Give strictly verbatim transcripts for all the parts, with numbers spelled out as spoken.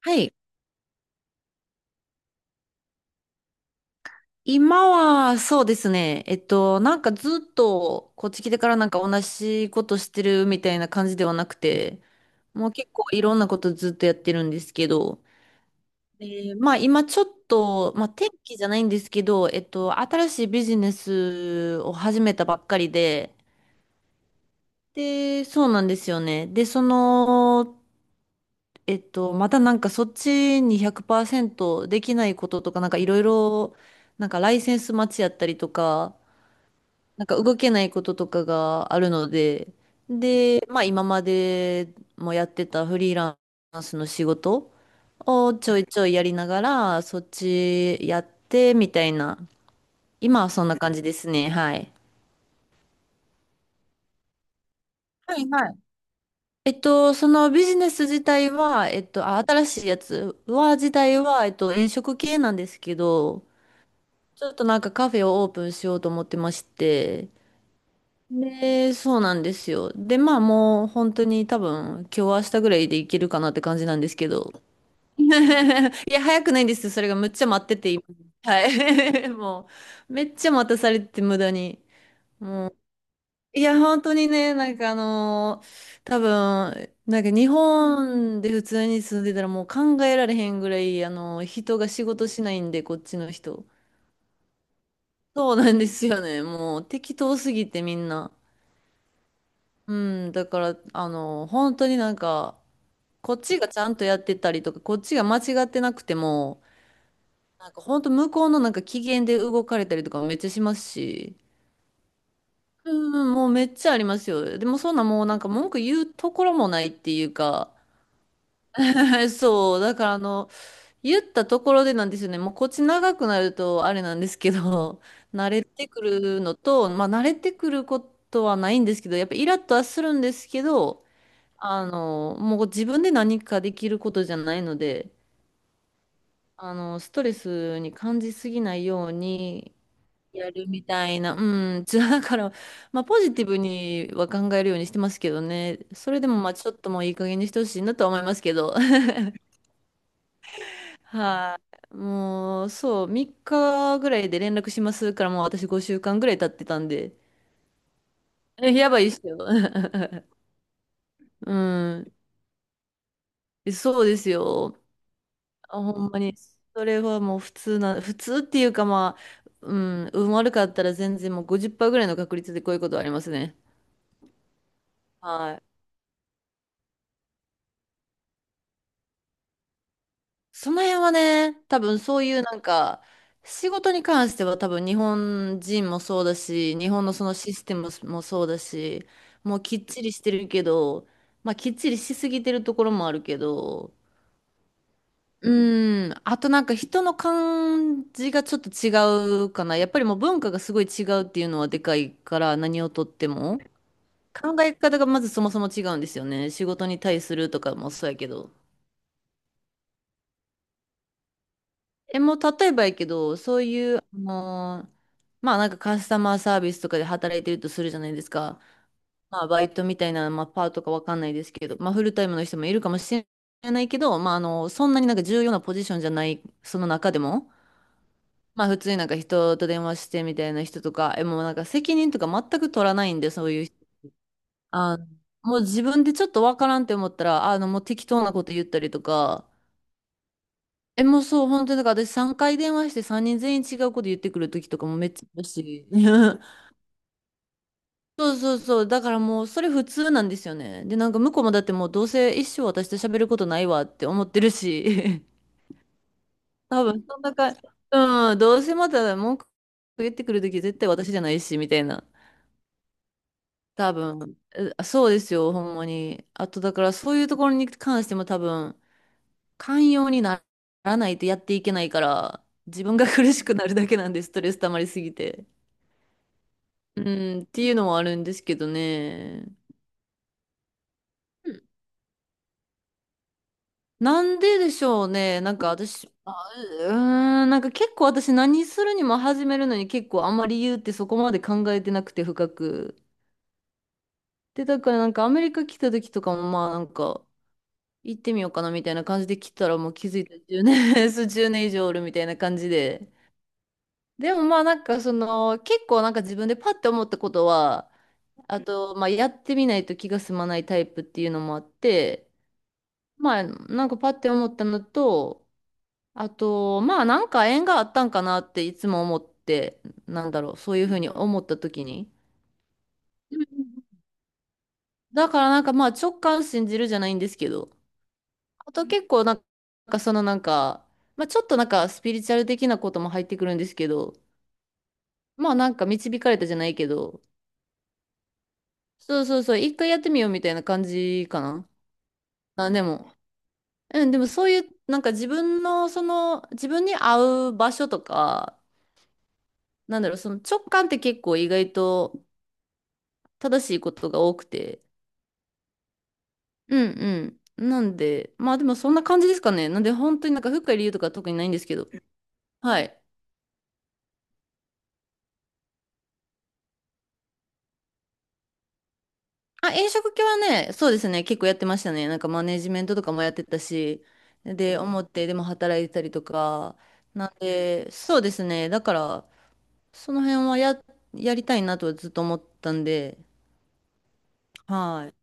はい。今は、そうですね。えっと、なんかずっと、こっち来てからなんか同じことしてるみたいな感じではなくて、もう結構いろんなことずっとやってるんですけど、で、まあ今ちょっと、まあ天気じゃないんですけど、えっと、新しいビジネスを始めたばっかりで、で、そうなんですよね。で、その、えっと、またなんかそっちにひゃくパーセントできないこととか、なんかいろいろ、なんかライセンス待ちやったりとか、なんか動けないこととかがあるので、で、まあ今までもやってたフリーランスの仕事をちょいちょいやりながら、そっちやってみたいな、今はそんな感じですね。はい。はいはい。えっと、そのビジネス自体は、えっと、あ、新しいやつは、自体は、えっと、飲食系なんですけど、ちょっとなんかカフェをオープンしようと思ってまして、で、そうなんですよ。で、まあもう本当に多分今日明日ぐらいでいけるかなって感じなんですけど。いや、早くないんですよ。それがむっちゃ待ってて、今はい。もう、めっちゃ待たされてて無駄に。もう、いや、本当にね、なんかあのー多分、なんか日本で普通に住んでたらもう考えられへんぐらい、あのー人が仕事しないんで、こっちの人。そうなんですよね。もう適当すぎてみんな。うん、だから、あの、本当になんか、こっちがちゃんとやってたりとか、こっちが間違ってなくても、なんか本当向こうのなんか機嫌で動かれたりとかめっちゃしますし、うん、もうめっちゃありますよ。でもそんなもうなんか文句言うところもないっていうか、そう、だからあの、言ったところでなんですよね。もうこっち長くなるとあれなんですけど、慣れてくるのと、まあ慣れてくることはないんですけど、やっぱイラッとはするんですけど、あの、もう自分で何かできることじゃないので、あの、ストレスに感じすぎないようにやるみたいな、うん、じゃあだから、まあ、ポジティブには考えるようにしてますけどね、それでもまあちょっともういい加減にしてほしいなとは思いますけど、はい、もう、そう、みっかぐらいで連絡しますから、もう私ごしゅうかんぐらい経ってたんで、えやばいっすよ。うん、そうですよ。あ、ほんまに、それはもう普通な、普通っていうかまあ、うん、運悪かったら全然もうごじゅっパーセントぐらいの確率でこういうことありますね。はい。その辺はね、多分そういうなんか、仕事に関しては多分日本人もそうだし、日本のそのシステムもそうだし、もうきっちりしてるけど、まあきっちりしすぎてるところもあるけど、うん。あとなんか人の感じがちょっと違うかな。やっぱりもう文化がすごい違うっていうのはでかいから何をとっても。考え方がまずそもそも違うんですよね。仕事に対するとかもそうやけど。え、もう例えばやけど、そういう、あのーまあなんかカスタマーサービスとかで働いてるとするじゃないですか。まあバイトみたいな、まあパートかわかんないですけど、まあフルタイムの人もいるかもしれないけど、まああの、そんなになんか重要なポジションじゃない、その中でも。まあ普通になんか人と電話してみたいな人とか、え、もうなんか責任とか全く取らないんで、そういう人。あもう自分でちょっとわからんって思ったら、あの、もう適当なこと言ったりとか、え、もうそう、本当になんか私さんかい電話してさんにん全員違うこと言ってくる時とかもめっちゃあるし。そうそうそう、だからもうそれ普通なんですよね。で、なんか向こうもだってもうどうせ一生私と喋ることないわって思ってるし、多分そんなか、うん、どうせまた文句言ってくる時絶対私じゃないし、みたいな。多分、えそうですよ、ほんまに。あと、だからそういうところに関しても多分、寛容にならないとやっていけないから、自分が 苦しくなるだけなんです、ストレス溜まりすぎて。うん、っていうのもあるんですけどね。うんなんででしょうね。なんか私、あ、うーん、なんか結構私何するにも始めるのに結構あんまり理由ってそこまで考えてなくて深く。で、だからなんかアメリカ来た時とかもまあなんか、行ってみようかなみたいな感じで来たらもう気づいたじゅうねん、そうじゅうねん以上おるみたいな感じで。でもまあなんかその結構なんか自分でパッて思ったことは、あとまあやってみないと気が済まないタイプっていうのもあって、まあなんかパッて思ったのと、あとまあなんか縁があったんかなっていつも思って、なんだろう、そういうふうに思った時に。だからなんかまあ直感信じるじゃないんですけど、あと結構なんかそのなんか、まあ、ちょっとなんかスピリチュアル的なことも入ってくるんですけど、まあなんか導かれたじゃないけど、そうそうそう、一回やってみようみたいな感じかな。あ、でも、うん、でもそういうなんか自分のその自分に合う場所とか、なんだろう、その直感って結構意外と正しいことが多くて、うんうん。なんで、まあでもそんな感じですかね。なんで本当になんか深い理由とか特にないんですけど、はい。あ、飲食系はね、そうですね、結構やってましたね。なんかマネジメントとかもやってたし、で、表でも働いてたりとか、なんで、そうですね、だから、その辺はや、やりたいなとはずっと思ったんで、はい。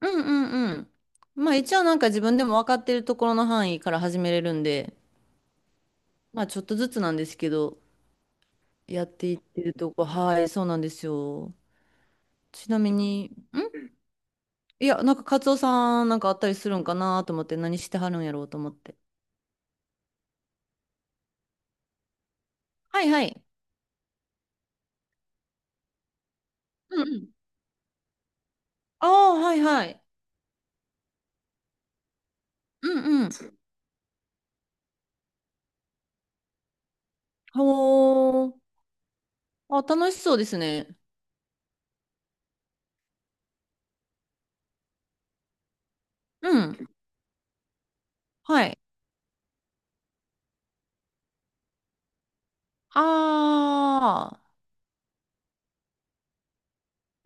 うんうんうん。まあ一応なんか自分でも分かってるところの範囲から始めれるんで、まあちょっとずつなんですけど、やっていってるとこ、はい、そうなんですよ。ちなみに、いや、なんかカツオさんなんかあったりするんかなと思って、何してはるんやろうと思って。はいはい。うんうん。ああ、はいはい。うんうん。ほー。あ、楽しそうですね。うん。はい。ああ。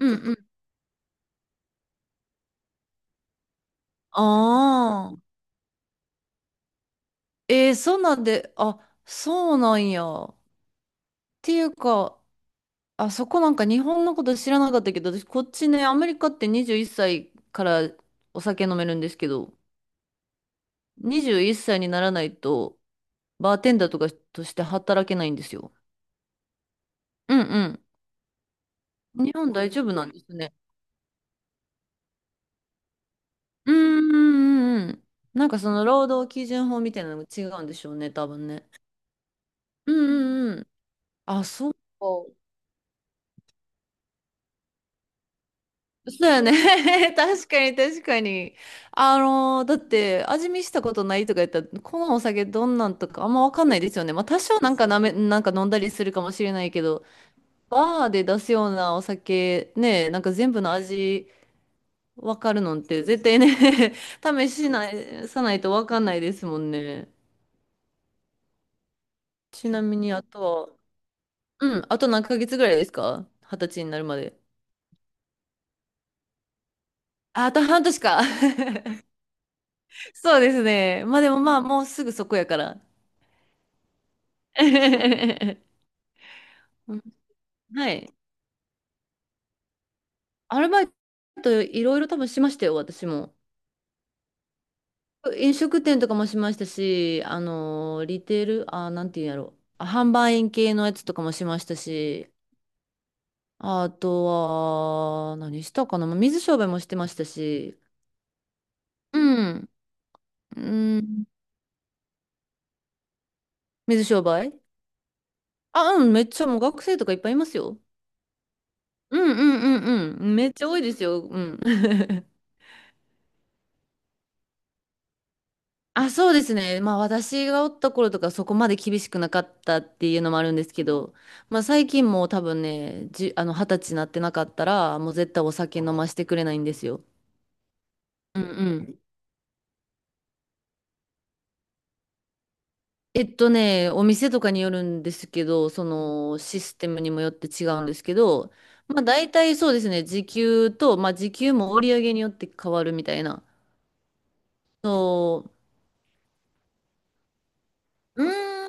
うんうん。ああ。えー、そんなんで、あ、そうなんや。っていうか、あそこなんか日本のこと知らなかったけど、私こっちね、アメリカってにじゅういっさいからお酒飲めるんですけど、にじゅういっさいにならないと、バーテンダーとかとして働けないんですよ。うんうん。日本大丈夫なんですね。うーんうんうんうん。なんかその労働基準法みたいなのも違うんでしょうね、多分ね。うんうんうん。あ、そうか。そうだよね。確かに確かに。あのーだって味見したことないとか言ったら、このお酒どんなんとかあんまわかんないですよね。まあ多少なんかなめ、なんか飲んだりするかもしれないけど、バーで出すようなお酒ね、なんか全部の味わかるのって絶対ね 試しない、さないとわかんないですもんね。ちなみにあとは、うん、あと何ヶ月ぐらいですか二十歳になるまで。あ、あと半年か。そうですね。まあでもまあ、もうすぐそこやから。うんはい。アルバイトいろいろ多分しましたよ、私も。飲食店とかもしましたし、あのー、リテール、あー、なんていうんやろあ販売員系のやつとかもしましたし、あとは、何したかな、まあ水商売もしてましたし、うん、うん、水商売あ、うん、めっちゃもう学生とかいっぱいいますよ。うんうんうんうん。めっちゃ多いですよ。うん。あ、そうですね。まあ私がおった頃とかそこまで厳しくなかったっていうのもあるんですけど、まあ最近もう多分ね、じ、あの二十歳になってなかったら、もう絶対お酒飲ましてくれないんですよ。うんうん。えっとね、お店とかによるんですけど、そのシステムにもよって違うんですけど、まあ大体そうですね、時給と、まあ時給も売り上げによって変わるみたいな。そううー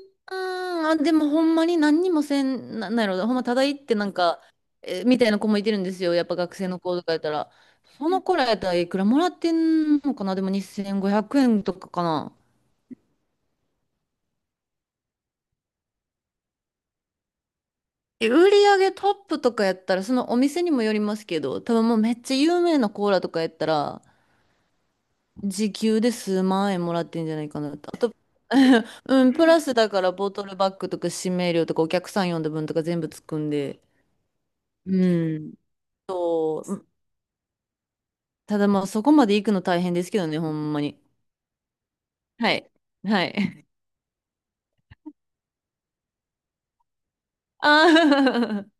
ん、あ、でもほんまに何にもせん、な、なんやろ、ほんまただ行ってなんか、えみたいな子もいてるんですよ。やっぱ学生の子とかやったら。その子らやったらいくらもらってんのかなでもにせんごひゃくえんとかかな。え売り上げトップとかやったら、そのお店にもよりますけど、多分もうめっちゃ有名なコーラとかやったら、時給で数万円もらってんじゃないかなと。あと うん、プラスだからボトルバッグとか指名料とかお客さん呼んだ分とか全部つくんで。うん。そうただまあそこまで行くの大変ですけどね、ほんまに。はい。はい。ああ